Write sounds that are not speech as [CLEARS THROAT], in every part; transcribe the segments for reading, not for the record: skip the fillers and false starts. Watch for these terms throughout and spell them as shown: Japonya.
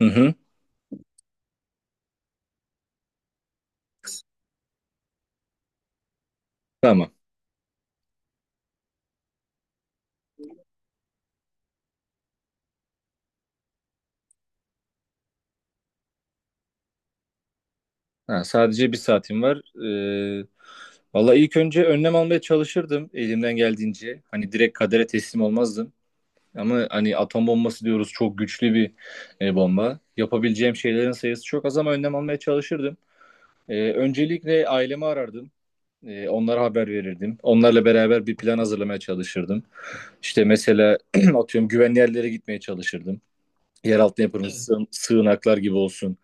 Hı hı. Tamam. Ha, sadece bir saatim var. Ee, Valla ilk önce önlem almaya çalışırdım elimden geldiğince. Hani direkt kadere teslim olmazdım. Ama hani atom bombası diyoruz, çok güçlü bir bomba. Yapabileceğim şeylerin sayısı çok az ama önlem almaya çalışırdım. Öncelikle ailemi arardım. Onlara haber verirdim. Onlarla beraber bir plan hazırlamaya çalışırdım. İşte mesela [CLEARS THROAT] atıyorum güvenli yerlere gitmeye çalışırdım. Yeraltı yapımı sığınaklar gibi olsun.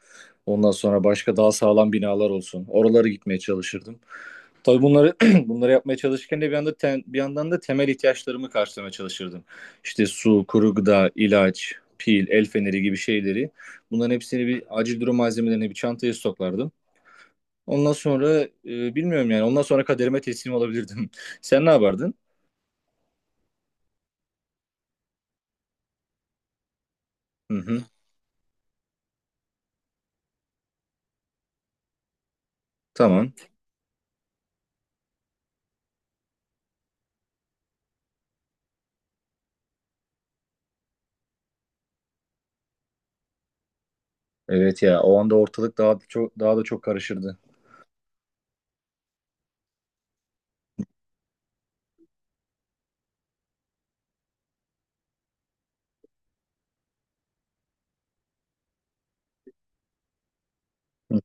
Ondan sonra başka daha sağlam binalar olsun. Oralara gitmeye çalışırdım. Tabii bunları [CLEARS THROAT] bunları yapmaya çalışırken de bir yanda bir yandan da temel ihtiyaçlarımı karşılamaya çalışırdım. İşte su, kuru gıda, ilaç, pil, el feneri gibi şeyleri. Bunların hepsini, bir acil durum malzemelerini bir çantaya stoklardım. Ondan sonra bilmiyorum, yani ondan sonra kaderime teslim olabilirdim. [LAUGHS] Sen ne yapardın? Hı hı. Tamam. Evet ya, o anda ortalık daha da çok karışırdı. Hı,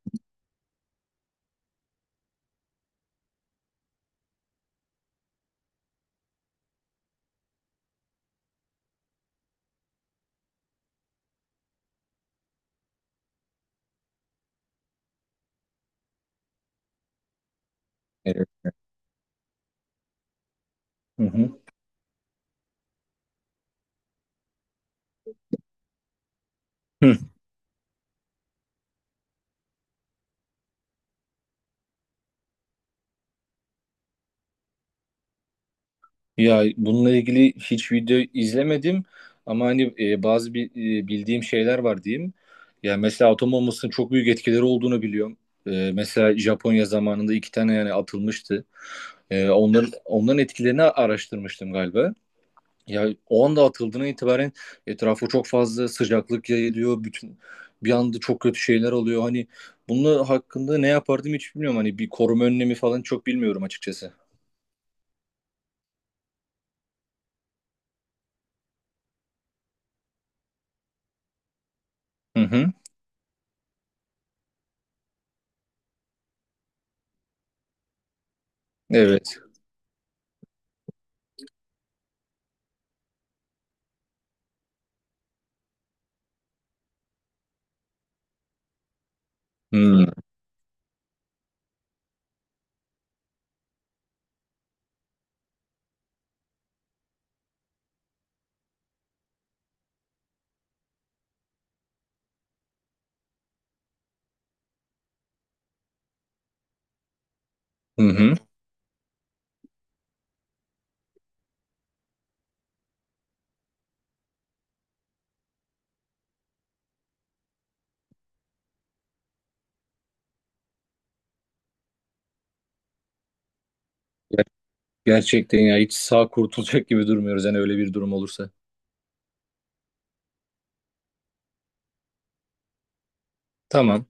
evet. Hı hı. Ya bununla ilgili hiç video izlemedim ama hani bazı bildiğim şeyler var diyeyim. Ya mesela atom bombasının çok büyük etkileri olduğunu biliyorum. Mesela Japonya zamanında iki tane yani atılmıştı. Onların etkilerini araştırmıştım galiba. Ya o anda atıldığına itibaren etrafa çok fazla sıcaklık yayılıyor. Bütün bir anda çok kötü şeyler oluyor. Hani bunun hakkında ne yapardım hiç bilmiyorum. Hani bir koruma önlemi falan çok bilmiyorum açıkçası. Hı hı. Evet. Hı hı. Gerçekten ya, hiç sağ kurtulacak gibi durmuyoruz yani öyle bir durum olursa. Tamam,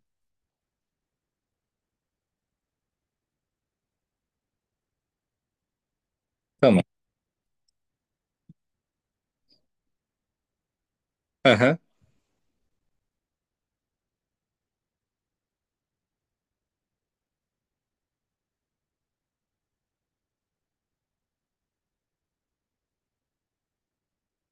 tamam. Aha.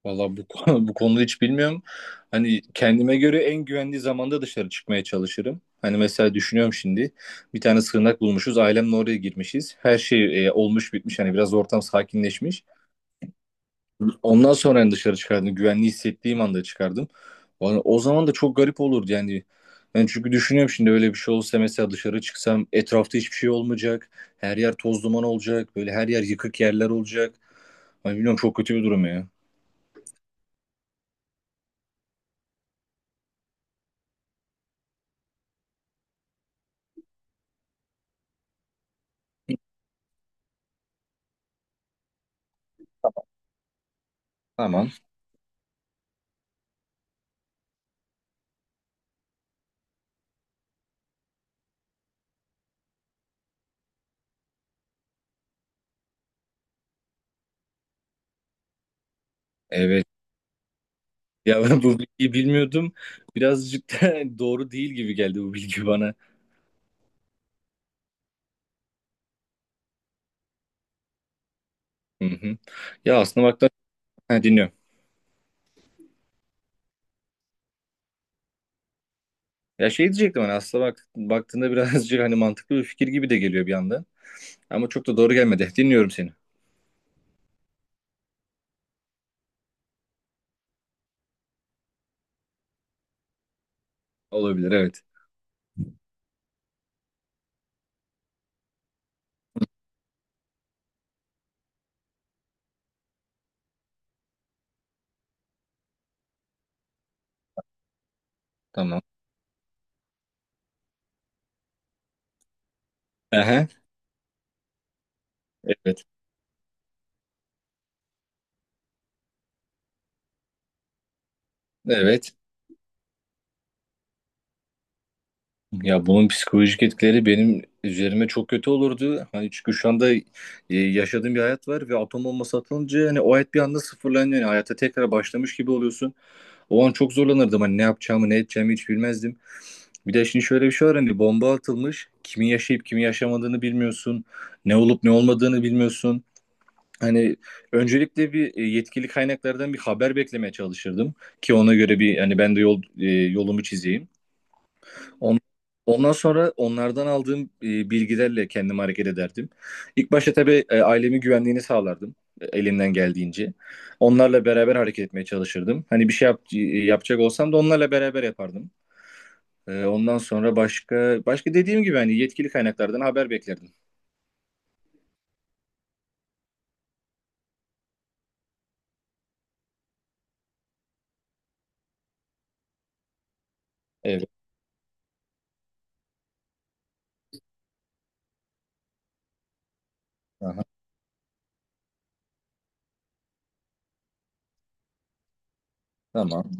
Valla bu, [LAUGHS] bu konuda hiç bilmiyorum. Hani kendime göre en güvenli zamanda dışarı çıkmaya çalışırım. Hani mesela düşünüyorum şimdi. Bir tane sığınak bulmuşuz. Ailemle oraya girmişiz. Her şey olmuş bitmiş. Hani biraz ortam sakinleşmiş. Ondan sonra yani dışarı çıkardım. Güvenli hissettiğim anda çıkardım. O zaman da çok garip olurdu yani. Ben çünkü düşünüyorum şimdi, öyle bir şey olsa mesela dışarı çıksam etrafta hiçbir şey olmayacak. Her yer toz duman olacak. Böyle her yer yıkık yerler olacak. Hani bilmiyorum, çok kötü bir durum ya. Tamam. Evet. [LAUGHS] Ya ben bu bilgiyi bilmiyordum. Birazcık da [LAUGHS] doğru değil gibi geldi bu bilgi bana. Hı hı. Ya aslında baktığında... Ha, dinliyorum. Ya şey diyecektim, hani aslında bak, baktığında [LAUGHS] birazcık hani mantıklı bir fikir gibi de geliyor bir anda. Ama çok da doğru gelmedi. Dinliyorum seni. Olabilir, evet. Tamam. Aha, evet. Evet. Ya bunun psikolojik etkileri benim üzerime çok kötü olurdu. Hani çünkü şu anda yaşadığım bir hayat var ve atom bombası atılınca hani o hayat bir anda sıfırlanıyor. Yani hayata tekrar başlamış gibi oluyorsun. O an çok zorlanırdım. Hani ne yapacağımı ne edeceğimi hiç bilmezdim. Bir de şimdi şöyle bir şey var, hani bomba atılmış. Kimin yaşayıp kimin yaşamadığını bilmiyorsun. Ne olup ne olmadığını bilmiyorsun. Hani öncelikle bir yetkili kaynaklardan bir haber beklemeye çalışırdım ki ona göre bir hani ben de yol yolumu çizeyim. On- Ondan sonra onlardan aldığım bilgilerle kendimi hareket ederdim. İlk başta tabii ailemin güvenliğini sağlardım elimden geldiğince. Onlarla beraber hareket etmeye çalışırdım. Hani bir şey yapacak olsam da onlarla beraber yapardım. Ondan sonra başka dediğim gibi hani yetkili kaynaklardan haber beklerdim. Evet. Aha, tamam.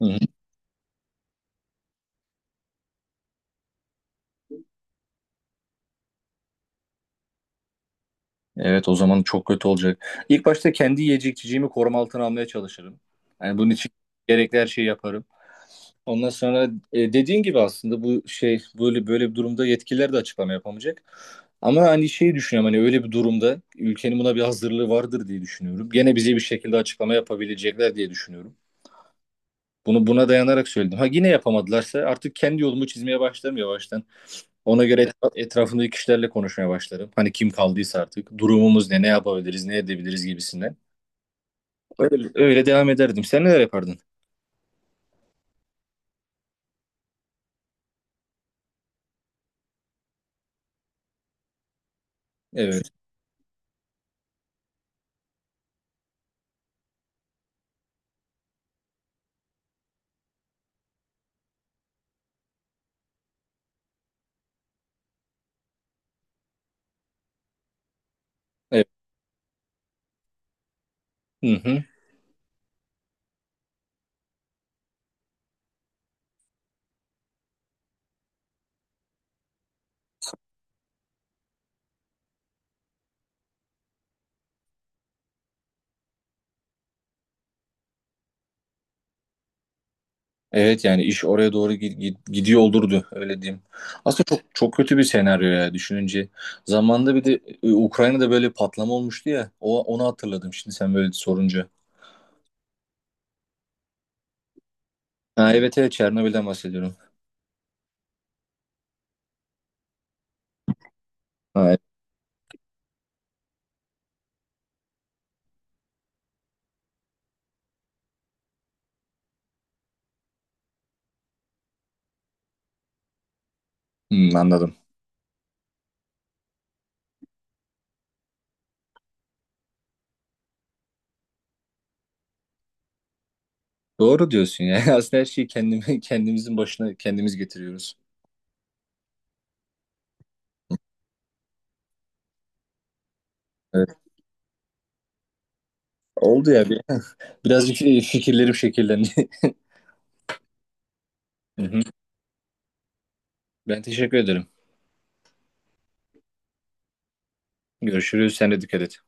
Hı hı. Evet, o zaman çok kötü olacak. İlk başta kendi yiyecek içeceğimi koruma altına almaya çalışırım. Yani bunun için gerekli her şeyi yaparım. Ondan sonra dediğin gibi aslında bu şey, böyle böyle bir durumda yetkililer de açıklama yapamayacak. Ama hani şeyi düşünüyorum, hani öyle bir durumda ülkenin buna bir hazırlığı vardır diye düşünüyorum. Gene bize bir şekilde açıklama yapabilecekler diye düşünüyorum. Bunu buna dayanarak söyledim. Ha, yine yapamadılarsa artık kendi yolumu çizmeye başlarım yavaştan. Ona göre etrafındaki kişilerle konuşmaya başlarım. Hani kim kaldıysa artık durumumuz ne, ne yapabiliriz, ne edebiliriz gibisinden. Öyle, öyle devam ederdim. Sen neler yapardın? Evet. Evet. Hı hı. Evet, yani iş oraya doğru gidiyor olurdu, öyle diyeyim. Aslında çok çok kötü bir senaryo ya, düşününce. Zamanında bir de Ukrayna'da böyle patlama olmuştu ya. O, onu hatırladım şimdi sen böyle sorunca. Ha, evet evet, Çernobil'den bahsediyorum. Ha, evet. Hmm, anladım. Doğru diyorsun ya. [LAUGHS] Aslında her şeyi kendimizin başına kendimiz getiriyoruz. Oldu ya. Birazcık fikirlerim şekillendi. [LAUGHS] Hı hı. Ben teşekkür ederim. Görüşürüz. Sen de dikkat et.